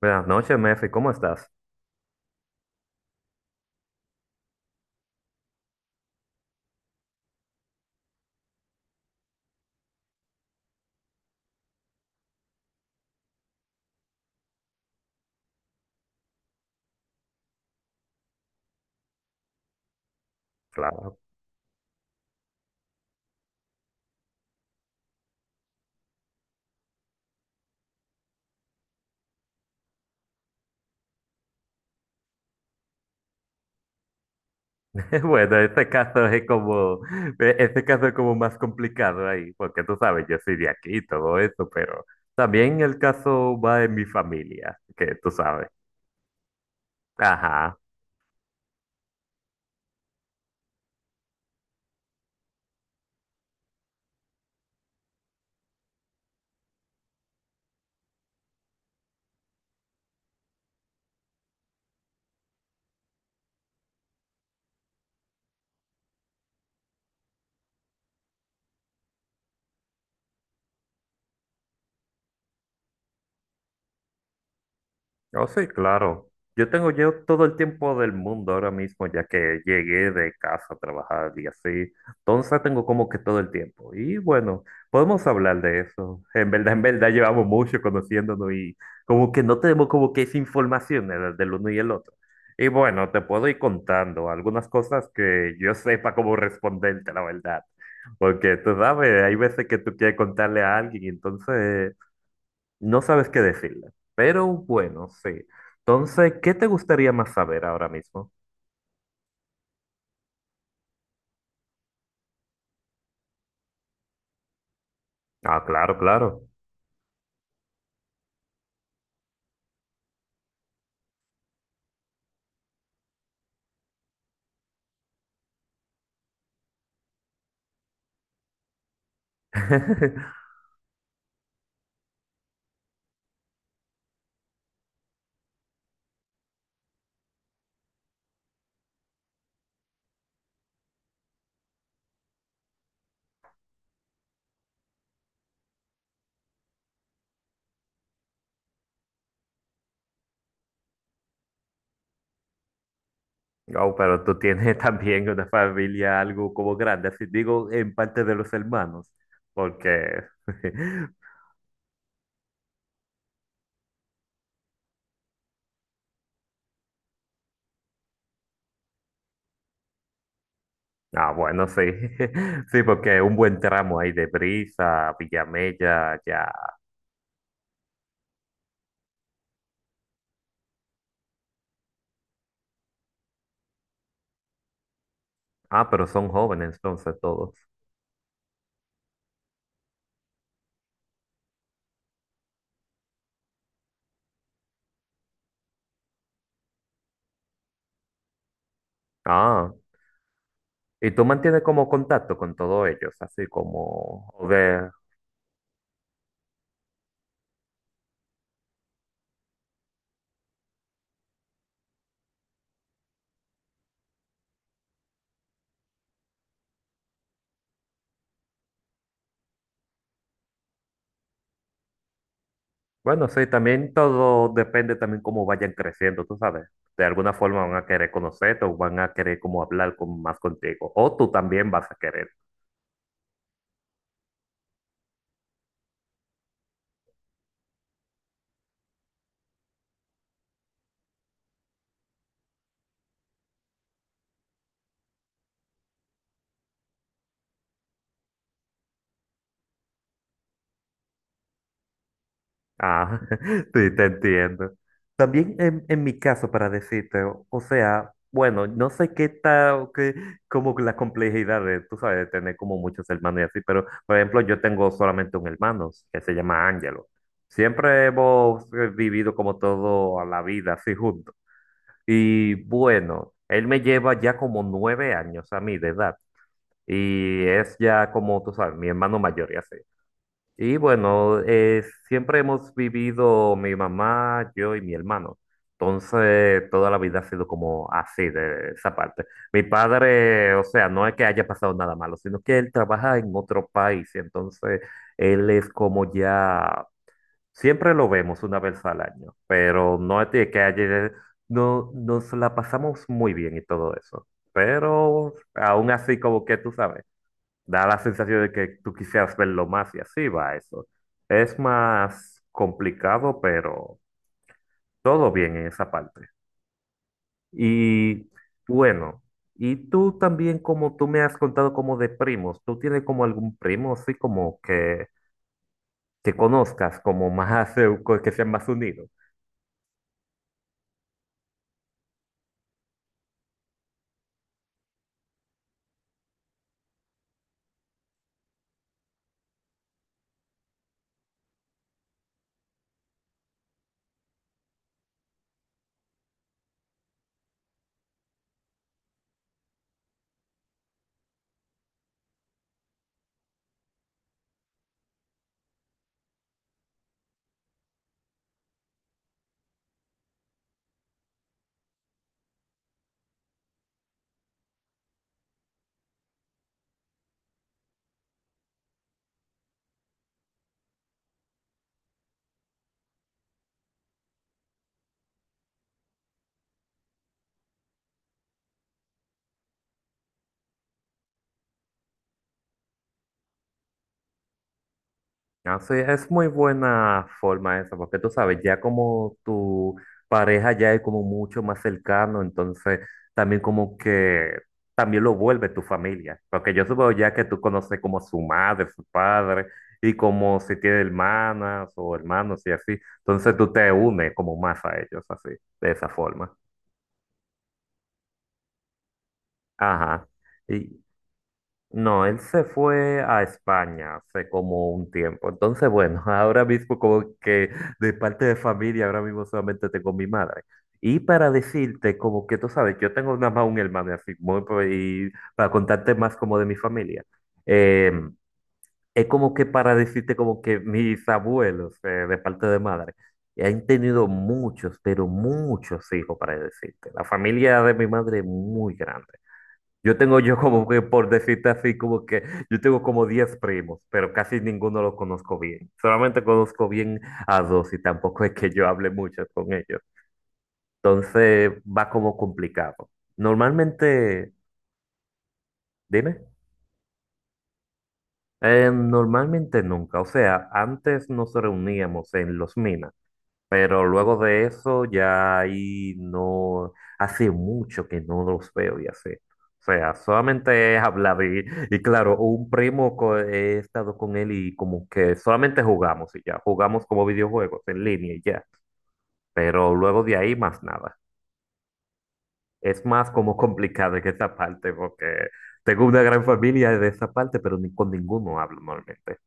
Buenas noches, Mefi, ¿cómo estás? Claro. Bueno, este caso es como, este caso es como más complicado ahí, porque tú sabes, yo soy de aquí y todo eso, pero también el caso va en mi familia, que tú sabes. Ajá. Oh, sí, claro. Yo tengo yo todo el tiempo del mundo ahora mismo, ya que llegué de casa a trabajar y así. Entonces tengo como que todo el tiempo. Y bueno, podemos hablar de eso. En verdad llevamos mucho conociéndonos y como que no tenemos como que esa información del, del uno y el otro. Y bueno, te puedo ir contando algunas cosas que yo sepa cómo responderte, la verdad. Porque tú sabes, hay veces que tú quieres contarle a alguien y entonces... No sabes qué decirle. Pero bueno, sí. Entonces, ¿qué te gustaría más saber ahora mismo? Ah, claro, claro. Oh, pero tú tienes también una familia algo como grande, así digo, en parte de los hermanos, porque... Ah, bueno, sí. Sí, porque un buen tramo ahí de Brisa, Villamella, ya. Ah, pero son jóvenes entonces todos. Ah, y tú mantienes como contacto con todos ellos, así como... Bueno, sí, también todo depende también cómo vayan creciendo, tú sabes. De alguna forma van a querer conocerte o van a querer como hablar con, más contigo. O tú también vas a querer. Ah, sí, te entiendo. También en mi caso, para decirte, o sea, bueno, no sé qué tal, qué, como la complejidad de, tú sabes, de tener como muchos hermanos y así, pero por ejemplo, yo tengo solamente un hermano que se llama Ángelo. Siempre hemos vivido como todo a la vida, así juntos. Y bueno, él me lleva ya como 9 años a mí de edad. Y es ya como, tú sabes, mi hermano mayor y así. Y bueno, siempre hemos vivido mi mamá, yo y mi hermano. Entonces, toda la vida ha sido como así, de esa parte. Mi padre, o sea, no es que haya pasado nada malo, sino que él trabaja en otro país. Entonces, él es como ya. Siempre lo vemos una vez al año, pero no es de que ayer no, nos la pasamos muy bien y todo eso. Pero aún así, como que tú sabes, da la sensación de que tú quisieras verlo más y así va eso. Es más complicado, pero todo bien en esa parte. Y bueno, y tú también, como tú me has contado como de primos, ¿tú tienes como algún primo así como que conozcas como más, que sean más unidos? Ah, sí, es muy buena forma esa, porque tú sabes, ya como tu pareja ya es como mucho más cercano, entonces también como que también lo vuelve tu familia, porque yo supongo ya que tú conoces como su madre, su padre, y como si tiene hermanas o hermanos y así, entonces tú te unes como más a ellos, así, de esa forma. Ajá. y No, él se fue a España hace como un tiempo. Entonces, bueno, ahora mismo como que de parte de familia, ahora mismo solamente tengo mi madre. Y para decirte, como que tú sabes, yo tengo nada más un hermano, y así, y para contarte más como de mi familia. eh, es como que para decirte como que mis abuelos, de parte de madre, han tenido muchos, pero muchos hijos, para decirte. La familia de mi madre es muy grande. Yo tengo yo como que, por decirte así, como que yo tengo como 10 primos, pero casi ninguno los conozco bien. Solamente conozco bien a dos y tampoco es que yo hable mucho con ellos. Entonces va como complicado. Normalmente, dime, normalmente nunca. O sea, antes nos reuníamos en los minas. Pero luego de eso ya ahí no, hace mucho que no los veo y así. O sea, solamente he hablado y claro, he estado con él y como que solamente jugamos y ya, jugamos como videojuegos en línea y ya. Pero luego de ahí más nada. Es más como complicado en esa parte porque tengo una gran familia de esa parte, pero ni con ninguno hablo normalmente.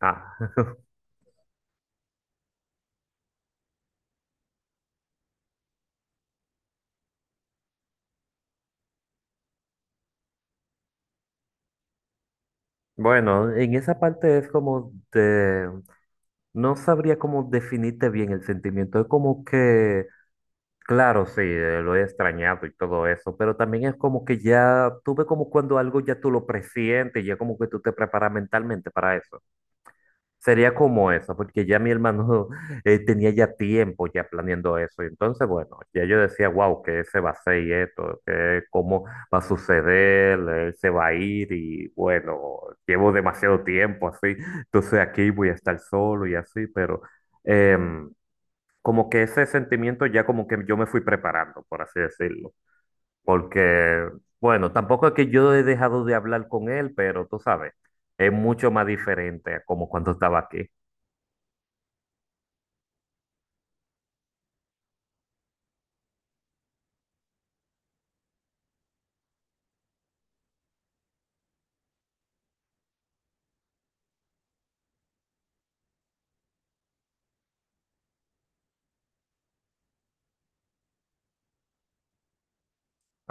Ah, bueno, en esa parte es como de. No sabría cómo definirte bien el sentimiento. Es como que, claro, sí, lo he extrañado y todo eso, pero también es como que ya, tú ves como cuando algo ya tú lo presientes, ya como que tú te preparas mentalmente para eso. Sería como eso, porque ya mi hermano tenía ya tiempo ya planeando eso. Y entonces, bueno, ya yo decía, wow, que se va a hacer y esto, que cómo va a suceder, él se va a ir y bueno, llevo demasiado tiempo así, entonces aquí voy a estar solo y así, pero em, como que ese sentimiento ya como que yo me fui preparando, por así decirlo, porque bueno, tampoco es que yo he dejado de hablar con él, pero tú sabes, es mucho más diferente a como cuando estaba aquí.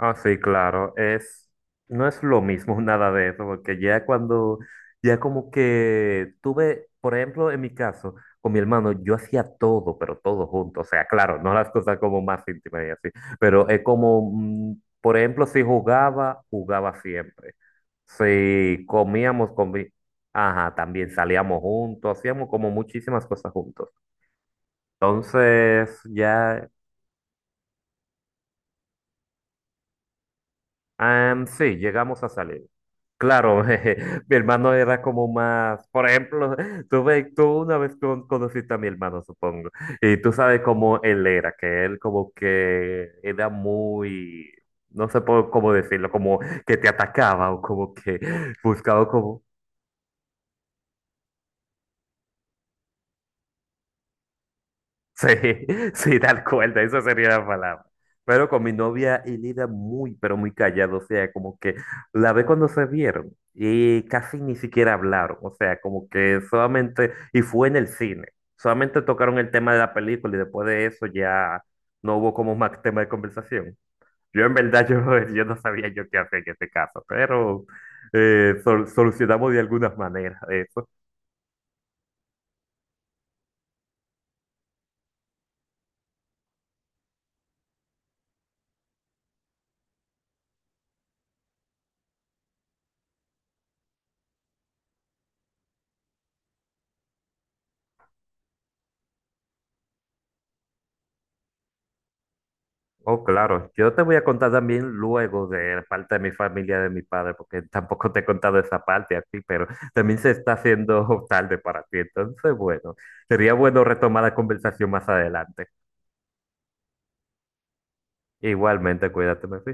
Ah, sí, claro, es, no es lo mismo nada de eso, porque ya cuando, ya como que tuve, por ejemplo, en mi caso, con mi hermano, yo hacía todo, pero todo junto, o sea, claro, no las cosas como más íntimas y así, pero es como, por ejemplo, si jugaba, jugaba siempre, si comíamos, comí, ajá, también salíamos juntos, hacíamos como muchísimas cosas juntos, entonces ya, sí, llegamos a salir. Claro, jeje, mi hermano era como más, por ejemplo, tú una vez conociste a mi hermano, supongo, y tú sabes cómo él era, que él como que era muy, no sé po- cómo decirlo, como que te atacaba o como que buscaba como. Sí, sí, tal cual, esa sería la palabra. Pero con mi novia y Lida muy, pero muy callado, o sea, como que la vez cuando se vieron y casi ni siquiera hablaron, o sea, como que solamente, y fue en el cine, solamente tocaron el tema de la película y después de eso ya no hubo como más tema de conversación. Yo en verdad, yo no sabía yo qué hacer en este caso, pero solucionamos de alguna manera eso. Oh, claro. Yo te voy a contar también luego de la parte de mi familia, de mi padre, porque tampoco te he contado esa parte a ti, pero también se está haciendo tarde para ti. Entonces, bueno, sería bueno retomar la conversación más adelante. Igualmente, cuídate, Mefi.